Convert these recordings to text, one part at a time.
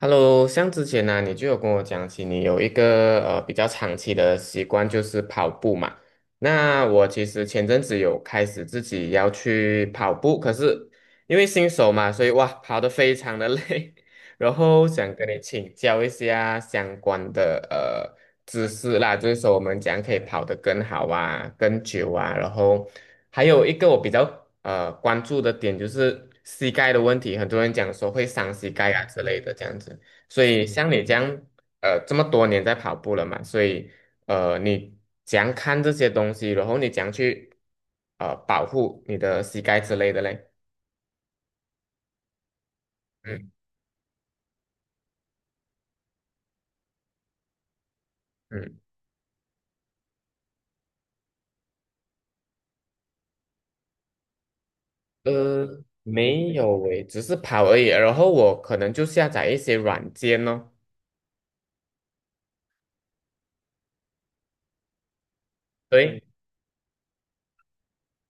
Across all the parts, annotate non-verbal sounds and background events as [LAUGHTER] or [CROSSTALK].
Hello，像之前呢、你就有跟我讲起你有一个比较长期的习惯就是跑步嘛。那我其实前阵子有开始自己要去跑步，可是因为新手嘛，所以哇，跑得非常的累，[LAUGHS] 然后想跟你请教一下相关的知识啦，就是说我们怎样可以跑得更好啊、更久啊。然后还有一个我比较关注的点就是膝盖的问题，很多人讲说会伤膝盖啊之类的这样子。所以像你这样这么多年在跑步了嘛，所以你怎样看这些东西，然后你怎样去保护你的膝盖之类的嘞？嗯嗯。没有诶，只是跑而已。然后我可能就下载一些软件哦。对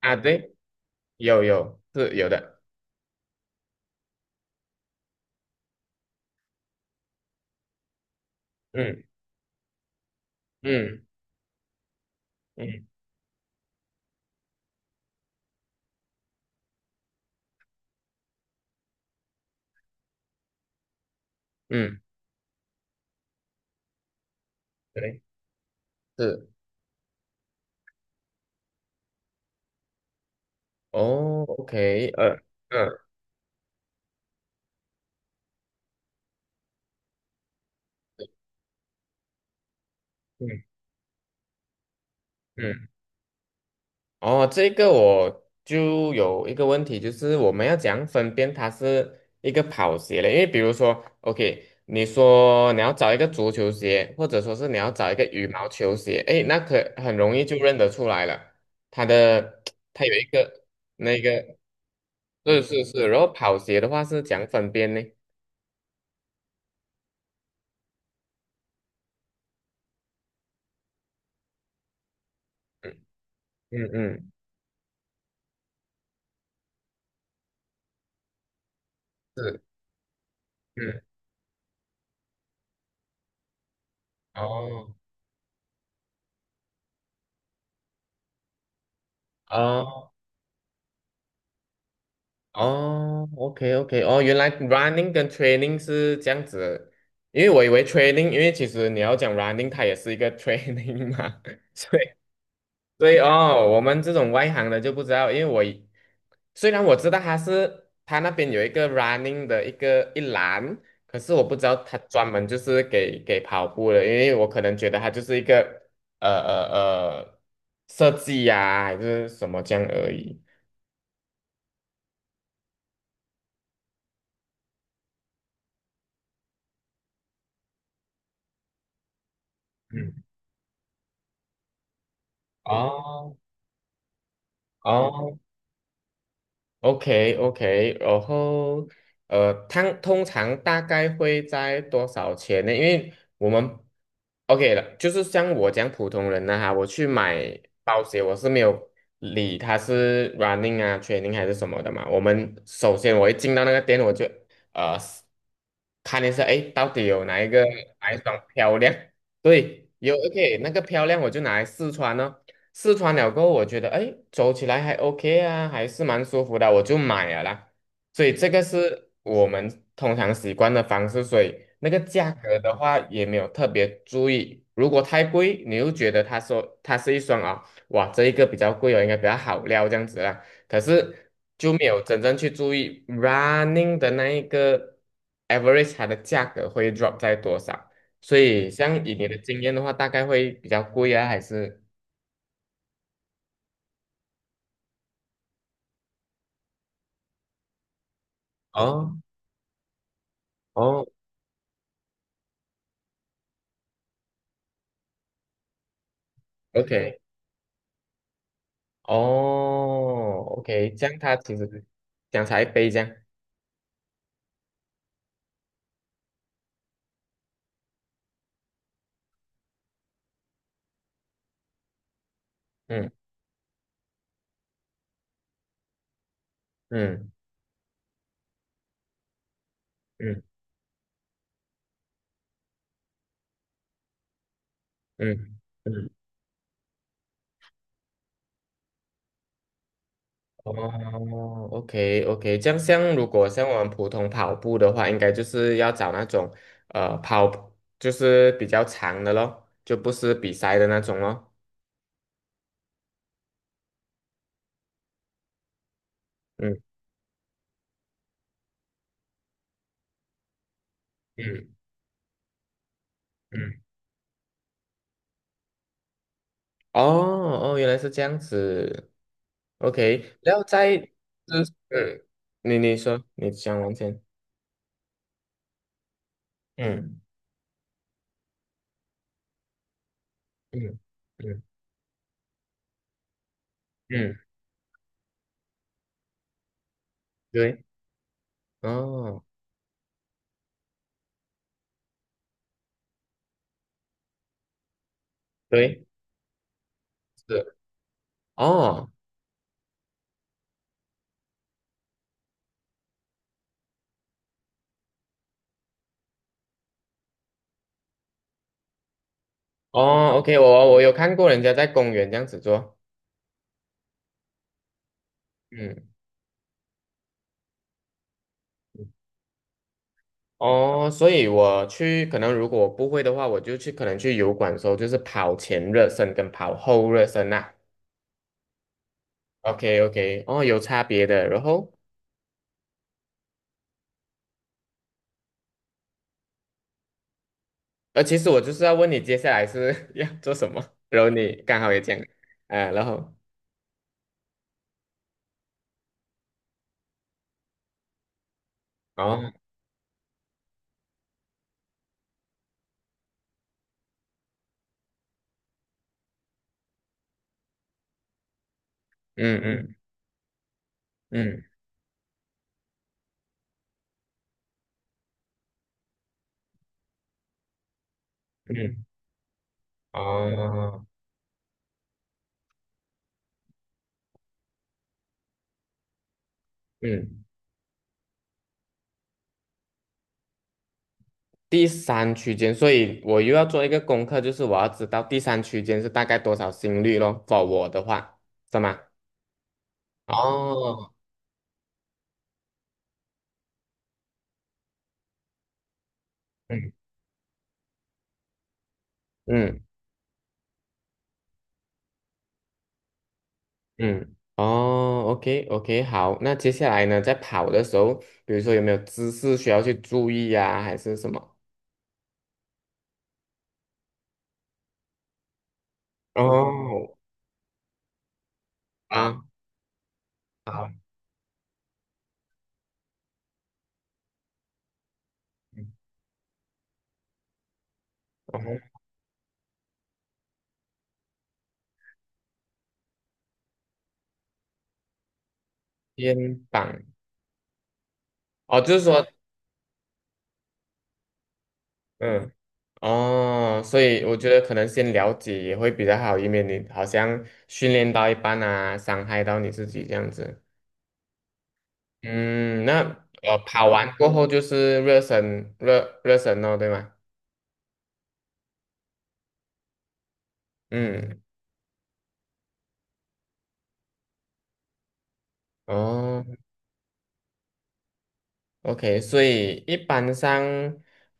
啊，对，有是有的。嗯嗯嗯嗯，对，是哦，OK,嗯嗯嗯。哦，这个我就有一个问题，就是我们要怎样分辨它是一个跑鞋嘞？因为比如说，OK，你说你要找一个足球鞋，或者说是你要找一个羽毛球鞋，诶，那可很容易就认得出来了。它的 [TSK] 它有一个那个，是是是，然后跑鞋的话是讲分辨呢？嗯嗯嗯，是嗯，哦哦哦，OK OK，哦，原来 running 跟 training 是这样子，因为我以为 training，因为其实你要讲 running，它也是一个 [LAUGHS] training 嘛，[LAUGHS] 所以所以哦，我们这种外行的就不知道，因为我以虽然我知道它是它那边有一个 running 的一栏，可是我不知道它专门就是给跑步的，因为我可能觉得它就是一个呃呃呃设计呀、还是什么这样而已。嗯，哦哦 OK OK，然后它通常大概会在多少钱呢？因为我们 OK 了，就是像我讲普通人呢哈，我去买保险，我是没有理它是 running 啊、training 还是什么的嘛。我们首先我一进到那个店，我就呃看一下，哎，到底有哪一双漂亮？[LAUGHS] 对，有 OK 那个漂亮，我就拿来试穿。试穿了过后，我觉得哎，诶走起来还 OK 啊，还是蛮舒服的，我就买了啦。所以这个是我们通常习惯的方式，所以那个价格的话也没有特别注意。如果太贵，你又觉得他说它是一双啊、哇，这一个比较贵哦，应该比较好料这样子啦。可是就没有真正去注意 running 的那一个 average 它的价格会 drop 在多少。所以像以你的经验的话，大概会比较贵啊，还是？哦？哦，OK，哦，OK，这样他其实讲才杯这样，嗯嗯嗯嗯嗯，哦，OK OK，这样像如果像我们普通跑步的话，应该就是要找那种跑就是比较长的咯，就不是比赛的那种咯，嗯嗯嗯，哦哦，原来是这样子，OK，然后再就是嗯，你说你讲完先，嗯嗯嗯嗯。对，哦，对，是，哦，哦，OK，我有看过人家在公园这样子做，嗯，哦，所以我去，可能如果我不会的话，我就去，可能去油管的时候，就是跑前热身跟跑后热身呐、啊 OK OK，哦，有差别的。然后，其实我就是要问你接下来是 [LAUGHS] 要做什么，然后你刚好也讲，然后，哦，嗯嗯嗯嗯，哦，嗯。第三区间，所以我又要做一个功课，就是我要知道第三区间是大概多少心率咯。for 我的话，是吗？哦，嗯嗯嗯，哦，OK OK，好，那接下来呢，在跑的时候，比如说有没有姿势需要去注意呀、还是什么？哦，啊，好，嗯，哦，肩膀，哦，就是说，嗯。哦，所以我觉得可能先了解也会比较好，以免你好像训练到一半啊，伤害到你自己这样子。嗯，那跑完过后就是热身，热身哦，对吗？嗯，哦。OK，所以一般上，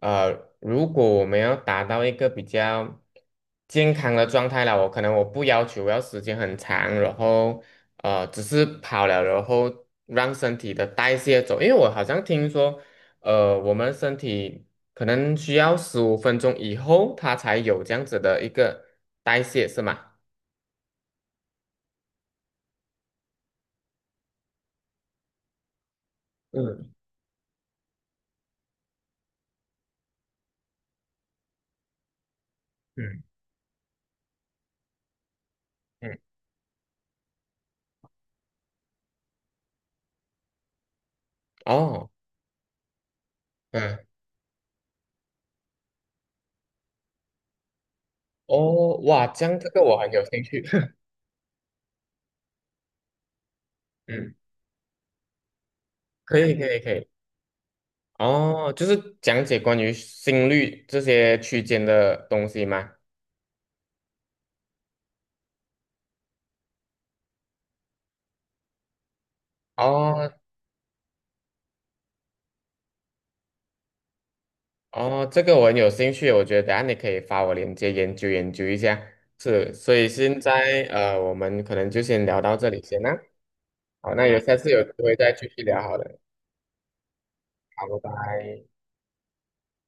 如果我们要达到一个比较健康的状态了，我可能我不要求要时间很长，然后只是跑了，然后让身体的代谢走，因为我好像听说，我们身体可能需要15分钟以后，它才有这样子的一个代谢，是吗？嗯嗯嗯，哦，嗯，哦，哇，这样这个我很有兴趣。[LAUGHS] 嗯，可以可以可以。哦，就是讲解关于心率这些区间的东西吗？哦哦，这个我很有兴趣，我觉得等下你可以发我链接研究研究一下。是，所以现在我们可能就先聊到这里先啦。好，那有下次有机会再继续聊好了。好，拜拜。